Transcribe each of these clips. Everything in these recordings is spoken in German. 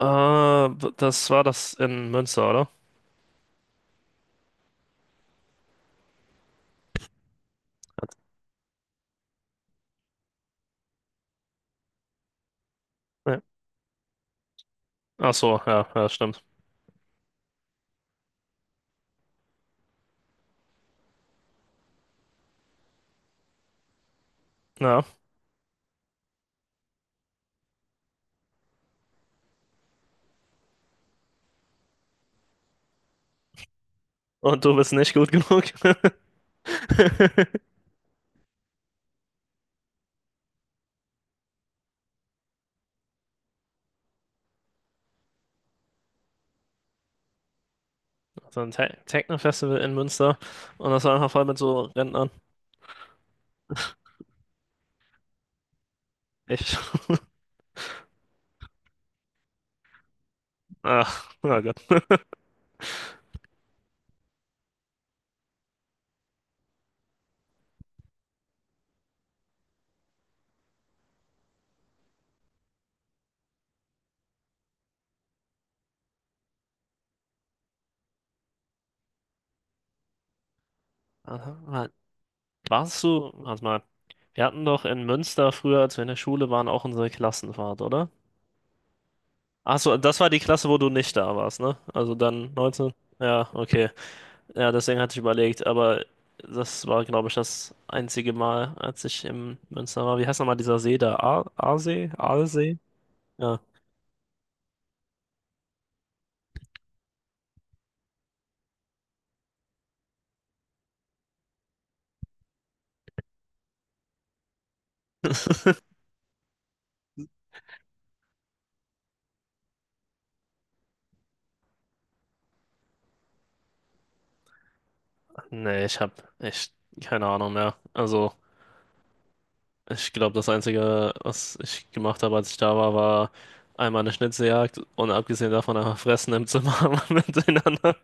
Das war das in Münster, oder? Ja. Ach so, ja, ja, stimmt. Ja. Und du bist nicht gut genug. So ein Te Techno-Festival in Münster. Und das war einfach voll mit so Rentnern. Ich. Ach, oh Gott. Aha, Mann. Warst du, warte mal, wir hatten doch in Münster früher, als wir in der Schule waren, auch unsere Klassenfahrt, oder? Ach so, das war die Klasse, wo du nicht da warst, ne? Also dann 19. Ja, okay. Ja, deswegen hatte ich überlegt, aber das war, glaube ich, das einzige Mal, als ich im Münster war. Wie heißt nochmal dieser See da? Aasee? Aalsee? Ja. Nee, ich habe echt keine Ahnung mehr. Also, ich glaube, das Einzige, was ich gemacht habe, als ich da war, war einmal eine Schnitzeljagd und abgesehen davon einfach fressen im Zimmer miteinander.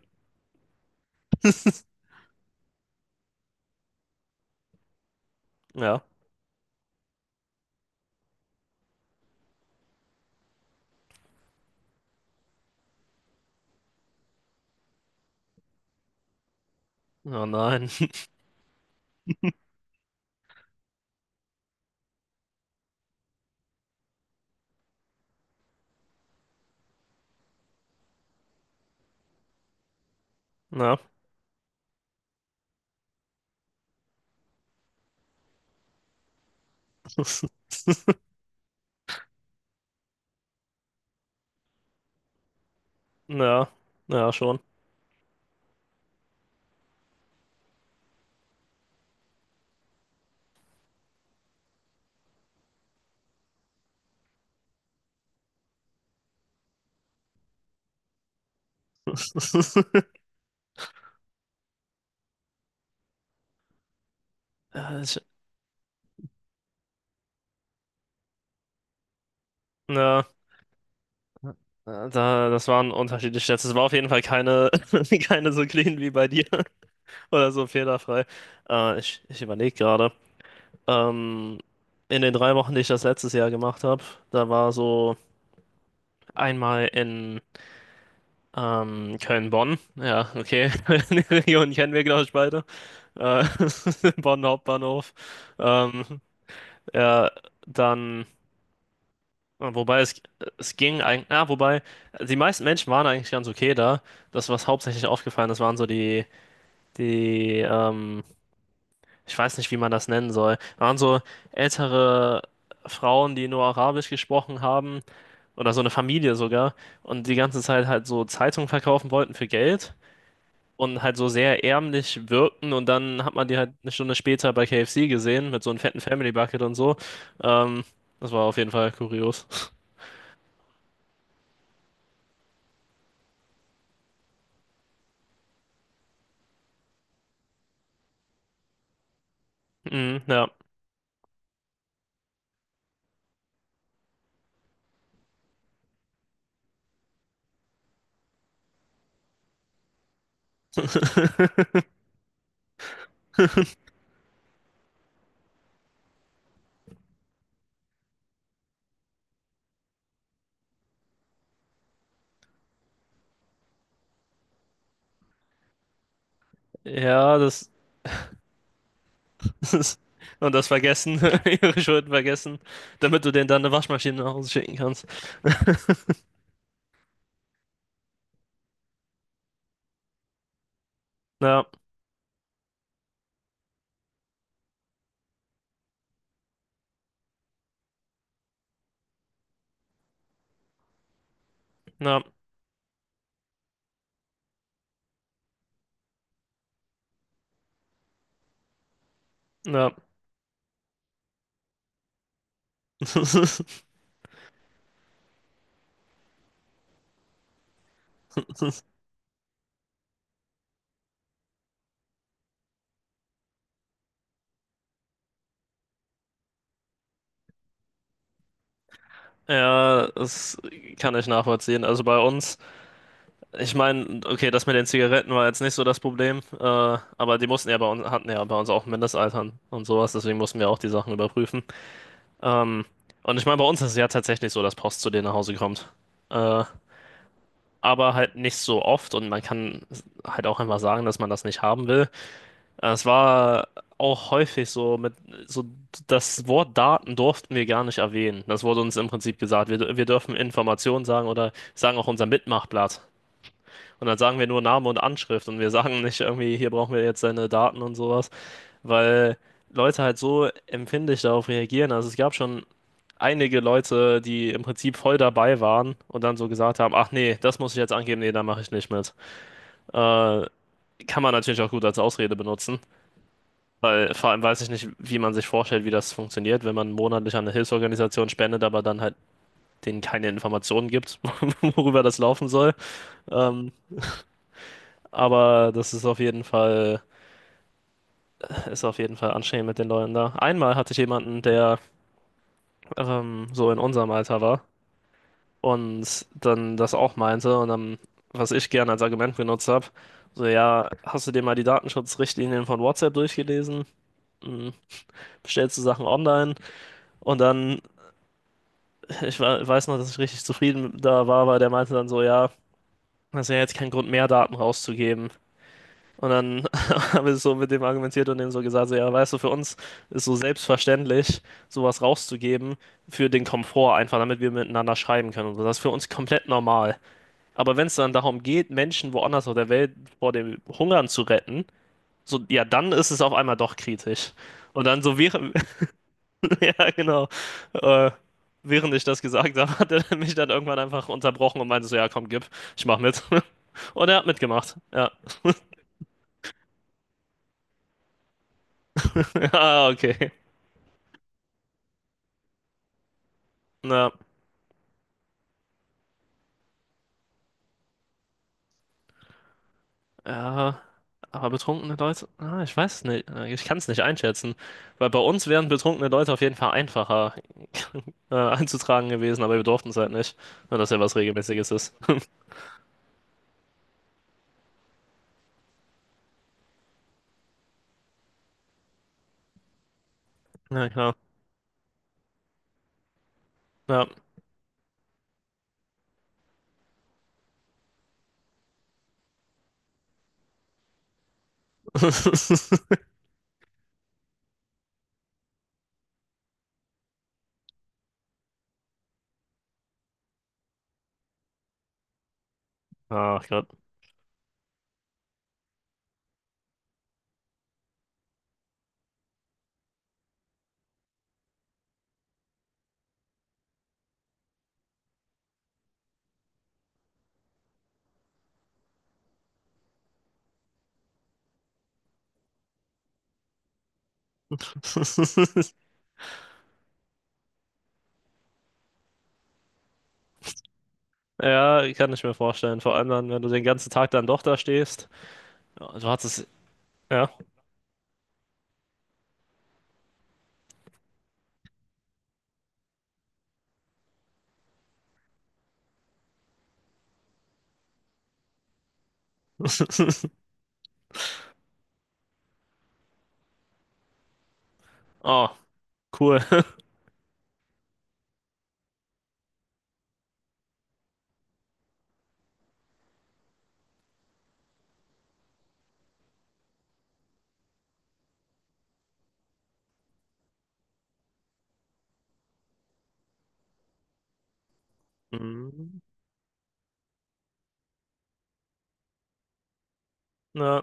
Ja. Oh nein. Ja. Ja. Ja, schon. Ja, ich, ja. Das waren unterschiedliche Stats. Es war auf jeden Fall keine, keine so clean wie bei dir oder so fehlerfrei. Ich überlege gerade. Ähm, in den drei Wochen, die ich das letztes Jahr gemacht habe, da war so einmal in Köln-Bonn. Ja, okay. Die Region kennen wir, glaube ich, beide. Äh, Bonn Hauptbahnhof. Ähm, ja, dann. Ja, Wobei es, Es ging eigentlich, ja, wobei die meisten Menschen waren eigentlich ganz okay da. Das, was hauptsächlich aufgefallen ist, waren so die, ähm, ich weiß nicht, wie man das nennen soll, waren so ältere Frauen, die nur Arabisch gesprochen haben oder so eine Familie sogar und die ganze Zeit halt so Zeitungen verkaufen wollten für Geld und halt so sehr ärmlich wirkten und dann hat man die halt eine Stunde später bei KFC gesehen mit so einem fetten Family Bucket und so. Ähm, Das war auf jeden Fall kurios. Mhm, ja. Ja, das, Das und das vergessen, ihre Schulden vergessen, damit du denen dann eine Waschmaschine nach Hause schicken kannst. Ja, ja, ja. Ja, das kann ich nachvollziehen. Also bei uns, ich meine, okay, das mit den Zigaretten war jetzt nicht so das Problem, aber die mussten ja bei uns, hatten ja bei uns auch ein Mindestalter und sowas, deswegen mussten wir auch die Sachen überprüfen. Ähm, und ich meine, bei uns ist es ja tatsächlich so, dass Post zu denen nach Hause kommt. Äh, aber halt nicht so oft und man kann halt auch einfach sagen, dass man das nicht haben will. Es war auch häufig so mit so, das Wort Daten durften wir gar nicht erwähnen. Das wurde uns im Prinzip gesagt. Wir dürfen Informationen sagen oder sagen auch unser Mitmachblatt. Und dann sagen wir nur Name und Anschrift und wir sagen nicht irgendwie, hier brauchen wir jetzt deine Daten und sowas, weil Leute halt so empfindlich darauf reagieren. Also es gab schon einige Leute, die im Prinzip voll dabei waren und dann so gesagt haben, ach nee, das muss ich jetzt angeben, nee, da mache ich nicht mit. Äh, Kann man natürlich auch gut als Ausrede benutzen, weil vor allem weiß ich nicht, wie man sich vorstellt, wie das funktioniert, wenn man monatlich an eine Hilfsorganisation spendet, aber dann halt denen keine Informationen gibt, worüber das laufen soll. Ähm, aber das ist auf jeden Fall, ist auf jeden Fall anstrengend mit den Leuten da. Einmal hatte ich jemanden, der so in unserem Alter war und dann das auch meinte und dann, was ich gerne als Argument benutzt habe, so ja, hast du dir mal die Datenschutzrichtlinien von WhatsApp durchgelesen? Hm, bestellst du Sachen online und dann, weiß noch, dass ich richtig zufrieden da war, weil der meinte dann so, ja, das ist ja jetzt kein Grund mehr, Daten rauszugeben. Und dann habe ich so mit dem argumentiert und dem so gesagt, so, ja, weißt du, für uns ist so selbstverständlich, sowas rauszugeben für den Komfort einfach, damit wir miteinander schreiben können und so. Das ist für uns komplett normal. Aber wenn es dann darum geht, Menschen woanders auf der Welt vor dem Hungern zu retten, so, ja, dann ist es auf einmal doch kritisch. Und dann so während, Ja, genau. Äh, Während ich das gesagt habe, hat er mich dann irgendwann einfach unterbrochen und meinte so, ja, komm, gib, ich mach mit. Und er hat mitgemacht. Ja. Ah, okay. Na, ja. Aber betrunkene Leute, ah, ich weiß es nicht. Ich kann es nicht einschätzen. Weil bei uns wären betrunkene Leute auf jeden Fall einfacher einzutragen gewesen, aber wir durften es halt nicht. Nur, dass ja was Regelmäßiges ist. Ja, klar. Ja. Ach Gott. Ja, kann ich mir vorstellen. Vor allem dann, wenn du den ganzen Tag dann doch da stehst. Ja, Du hattest, ja. Oh, cool. Mhm. Ja,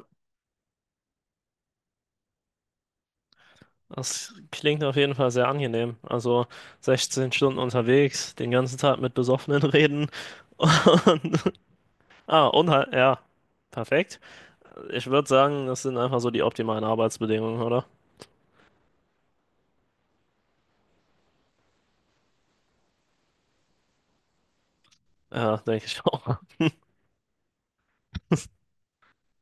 das klingt auf jeden Fall sehr angenehm. Also 16 Stunden unterwegs, den ganzen Tag mit Besoffenen reden. Und, ah, und halt, ja, perfekt. Ich würde sagen, das sind einfach so die optimalen Arbeitsbedingungen, oder? Ja, denke ich auch.